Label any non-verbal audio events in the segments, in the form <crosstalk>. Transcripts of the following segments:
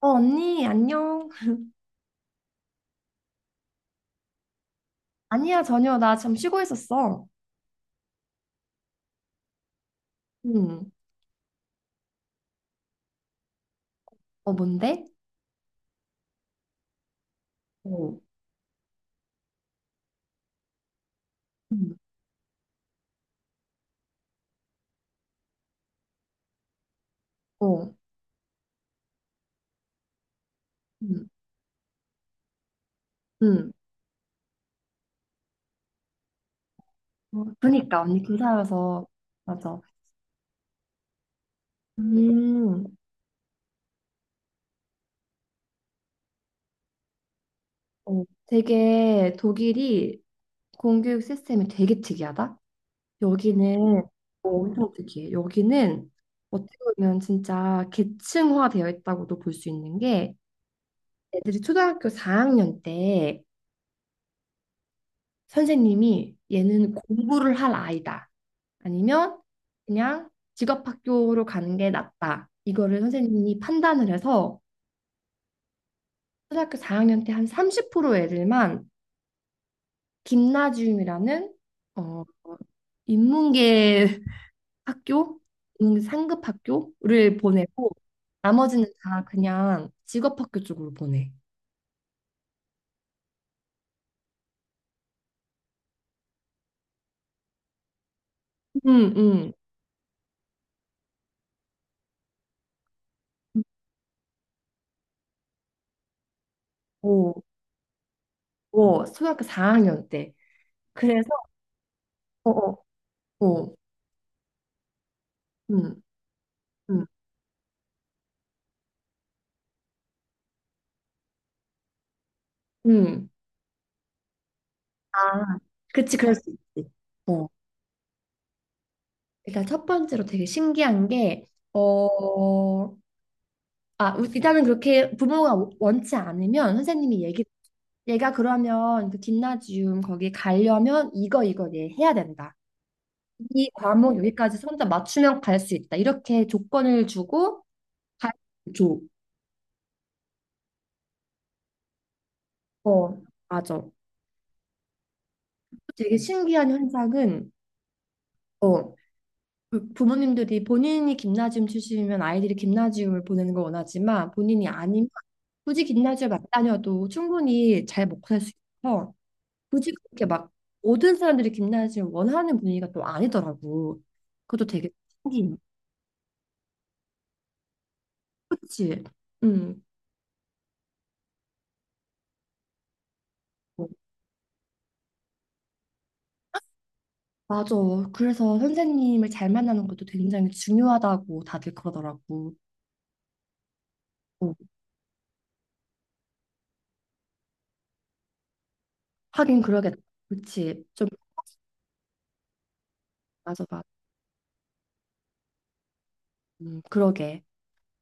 어, 언니, 안녕. 아니야, 전혀. 나 지금 쉬고 있었어. 응. 어, 뭔데? 어, 응, 어, 응, 응. 어, 그러니까, 언니 교사여서. 맞아. 음, 어, 되게 독일이 공교육 시스템이 되게 특이하다. 여기는. 엄청 특이해. 여기는 어떻게 보면 진짜 계층화되어 있다고도 볼 수 있는 게, 애들이 초등학교 4학년 때 선생님이 얘는 공부를 할 아이다. 아니면 그냥 직업학교로 가는 게 낫다. 이거를 선생님이 판단을 해서 초등학교 4학년 때 한 30% 애들만 김나지움이라는, 어, 인문계 <laughs> 학교, 인문계 상급 학교를 보내고 나머지는 다 그냥 직업학교 쪽으로 보내. 응, 응. 오, 오, 초등학교 4학년 때. 그래서, 어, 어, 어, 음, 음, 음. 아, 그치, 그럴 수 있지. 어, 일단 첫 번째로 되게 신기한 게, 어, 아, 일단은 그렇게 부모가 원치 않으면 선생님이 얘기, 얘가 그러면 그 gymnasium 거기 가려면 이거, 이거 얘 해야 된다. 이 과목 여기까지 혼자 맞추면 갈 수 있다. 이렇게 조건을 주고, 가, 줘. 어, 맞아. 되게 신기한 현상은, 어, 부모님들이 본인이 김나지움 출신이면 아이들이 김나지움을 보내는 걸 원하지만, 본인이 아니면 굳이 김나지움 안 다녀도 충분히 잘 먹고 살 수 있어서 굳이 그렇게 막 모든 사람들이 김나지움 원하는 분위기가 또 아니더라고. 그것도 되게 신기해. 그치? 응. 어, 맞아. 그래서 선생님을 잘 만나는 것도 굉장히 중요하다고 다들 그러더라고. 어, 하긴 그러겠다. 그치? 좀 맞아 맞아. 그러게.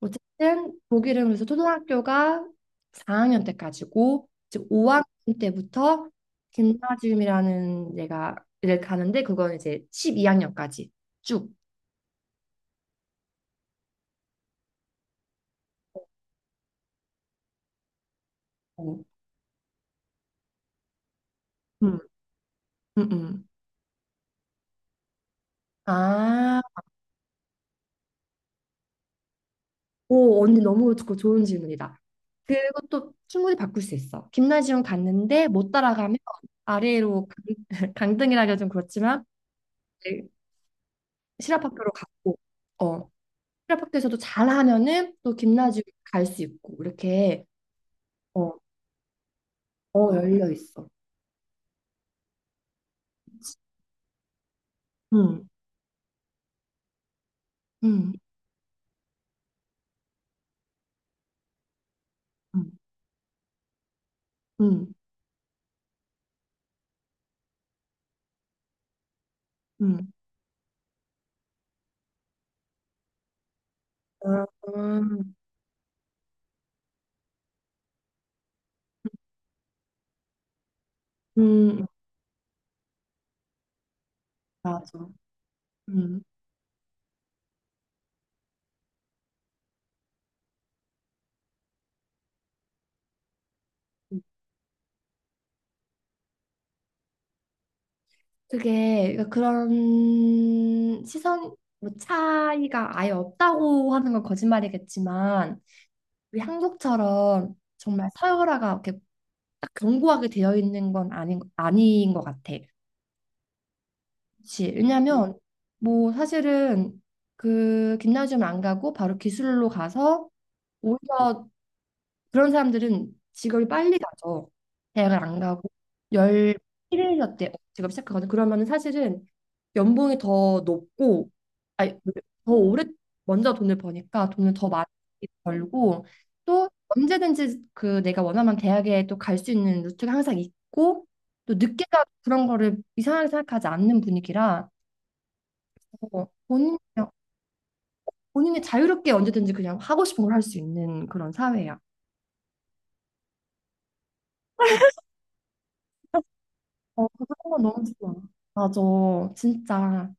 어쨌든 독일은 그래서 초등학교가 4학년 때까지고 즉 5학년 때부터 김나지움이라는 데가 를 가는데, 그건 이제 12학년까지 쭉. 어. 음, 음, 음. 아, 오, 언니 너무 좋고 좋은 질문이다. 그것도 충분히 바꿀 수 있어. 김나지움 갔는데 못 따라가면 아래로 <laughs> 강등이라기가 좀 그렇지만 이제 실업학교로 갔고, 어, 테라박크에서도 잘하면은 또 김나지움 갈 수 있고 이렇게. 어, 어 열려 있어. 응, 응 응, 응, 응, 아, 음. 응, 맞아. 응, 그게 그러니까 그런 시선, 뭐 차이가 아예 없다고 하는 건 거짓말이겠지만 우리 한국처럼 정말 서열화가 이렇게 딱 견고하게 되어 있는 건 아닌 것 같아. 그치. 왜냐면 뭐 사실은 그 김나지움 안 가고 바로 기술로 가서 오히려 그런 사람들은 직업이 빨리 가죠. 대학을 안 가고 11년 때 직업 시작하거든. 그러면은 사실은 연봉이 더 높고, 아니 더 오래 먼저 돈을 버니까 돈을 더 많이 벌고, 또 언제든지 그 내가 원하면 대학에 또 갈 수 있는 루트가 항상 있고, 또 늦게 가도 그런 거를 이상하게 생각하지 않는 분위기라. 어, 본인이 자유롭게 언제든지 그냥 하고 싶은 걸 할 수 있는 그런 사회야. 어, 그런 건 너무 좋아. 맞아, 진짜.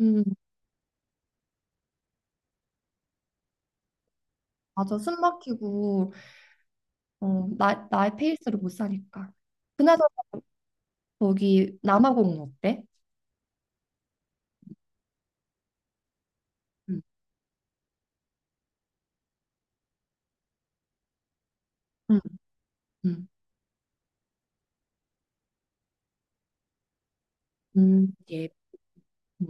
음, 맞아. 숨 막히고, 어, 나의 페이스로 못 사니까. 그나저나, 거기 남아공은 어때? 음, 음, 음, 예, 음,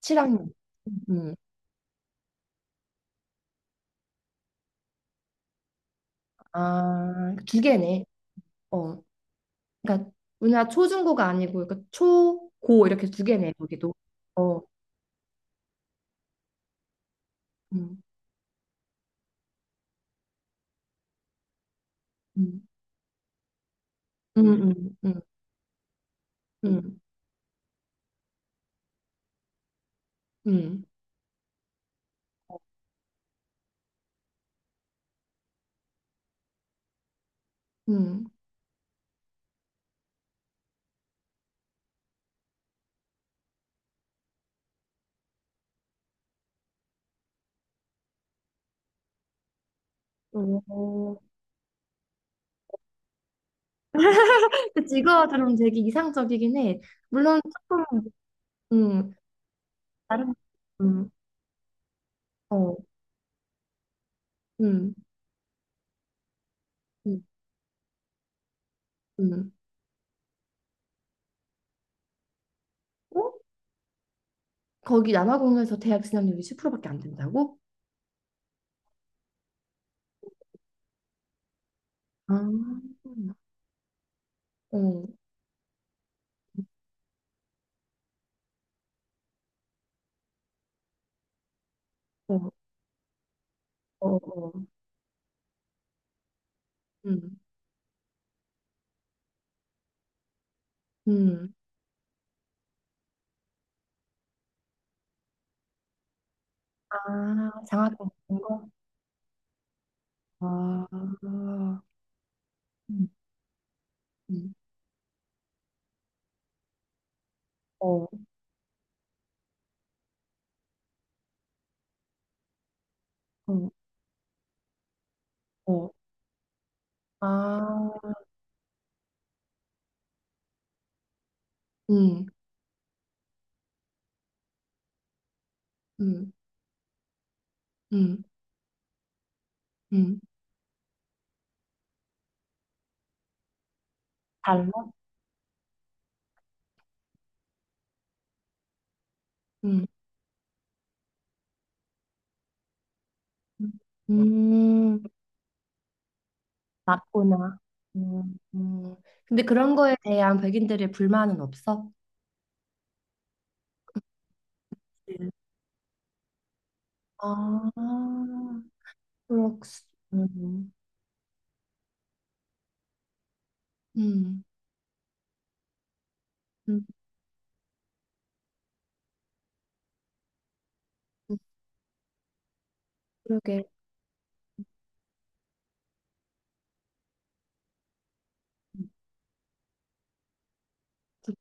7학년. 음, 아, 두 개네. 어, 그러니까, 우리나라 초중고가 아니고, 그러니까 초, 고 이렇게 두 개네, 거기도. 어, 음, 음, 음, 음, 음. 음. 음, 음. 음, 그치, 이거 들으면 되게 이상적이긴 해. 물론 조금, 음, 다른, 음, 어, 음, 음, 음. 어? 거기 남아공에서 대학 진학률이 10%밖에 안 된다고? 아, 어, 어, 어, 어. 음, 음, 아, 장학금 같은 거? 아, 음, 음, 어, 어, 어. 아, 음, 음, 음, 음, 달러? 음. 음. 음. 맞구나. 음, 음, 근데 그런 거에 대한 백인들의 불만은 없어? 네. 아, 그렇, 음, 음, 음, 음, 그러게. 그-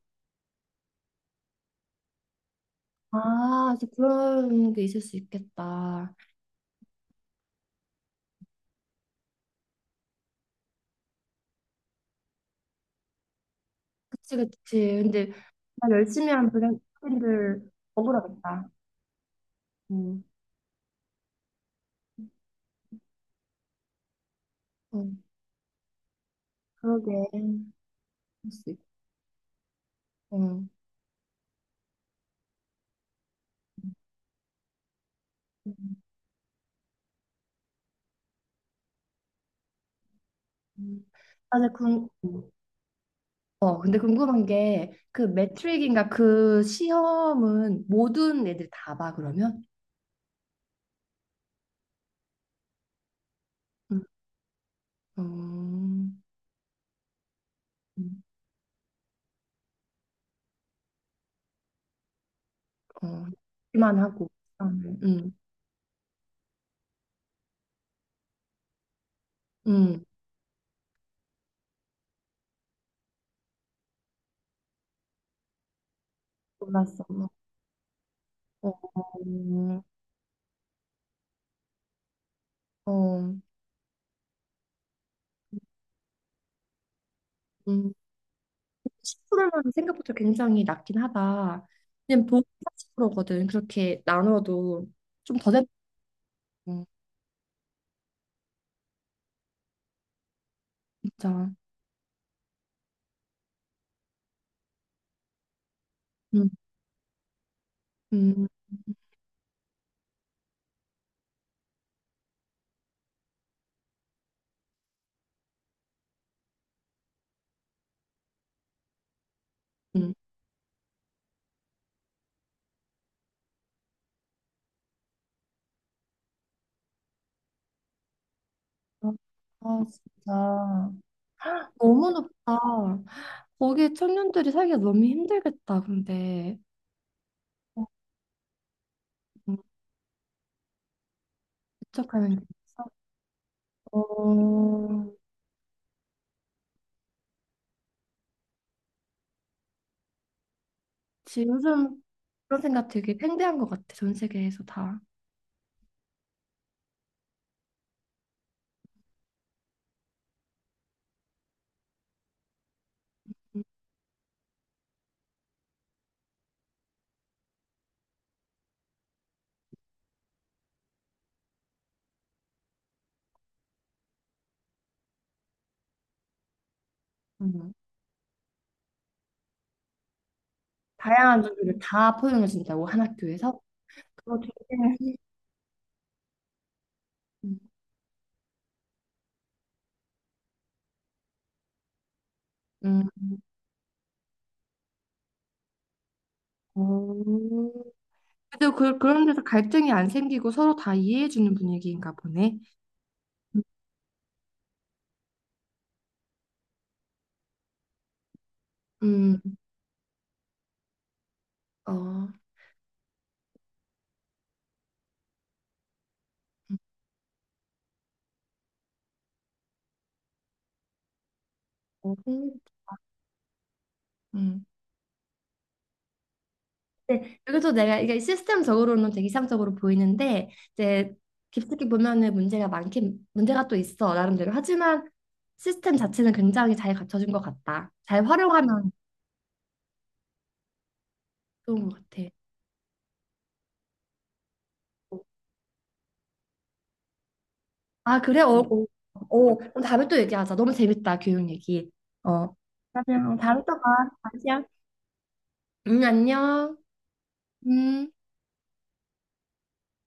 아, 또 그런 게 있을 수 있겠다. 그치, 그치. 근데 나 열심히 한 브랜- 들드 억울하겠다. 음, 음, 그러게. 할수 있- 음. 음, 음. 맞아, 음. 어, 근데 궁금한 게 그 매트릭인가 그 시험은 모든 애들 다 봐, 그러면? 음, 음, 음, 어, 만 하고. 음, 음, 음. 몰랐어. 어, 어, 어, 음. 10%면 생각보다 굉장히 낮긴 하다. 그냥 보십 40%거든. 그렇게 나눠도 좀 더 됐다. 어, 진짜. 음, 음, 음. 아, 진짜. 너무 높다. 거기 에 청년들이 살기가 너무 힘들겠다. 근데 부 개척하는 게 있어. 어, 지금 요즘 그런 생각 되게 팽배한 것 같아. 전 세계에서 다. 음, 음. 다양한 종류를 다 포용해준다고 한 학교에서. 그거 되게. 음. 음. 어, 근데 그런 데서 갈등이 안 생기고 서로 다 이해해주는 분위기인가 보네. 음, 어, 어, 네, 여기서 내가 이게 시스템적으로는 되게 이상적으로 보이는데 이제 깊숙이 보면은 문제가 많긴 문제가 또 있어 나름대로 하지만 시스템 자체는 굉장히 잘 갖춰진 것 같다. 잘 활용하면 좋은 것 같아. 아 그래? 어, 어, 어, 그럼 다음에 또 얘기하자. 너무 재밌다 교육 얘기. 어. 그러면 다음에 또 봐. 다시야. 응, 안녕. 음.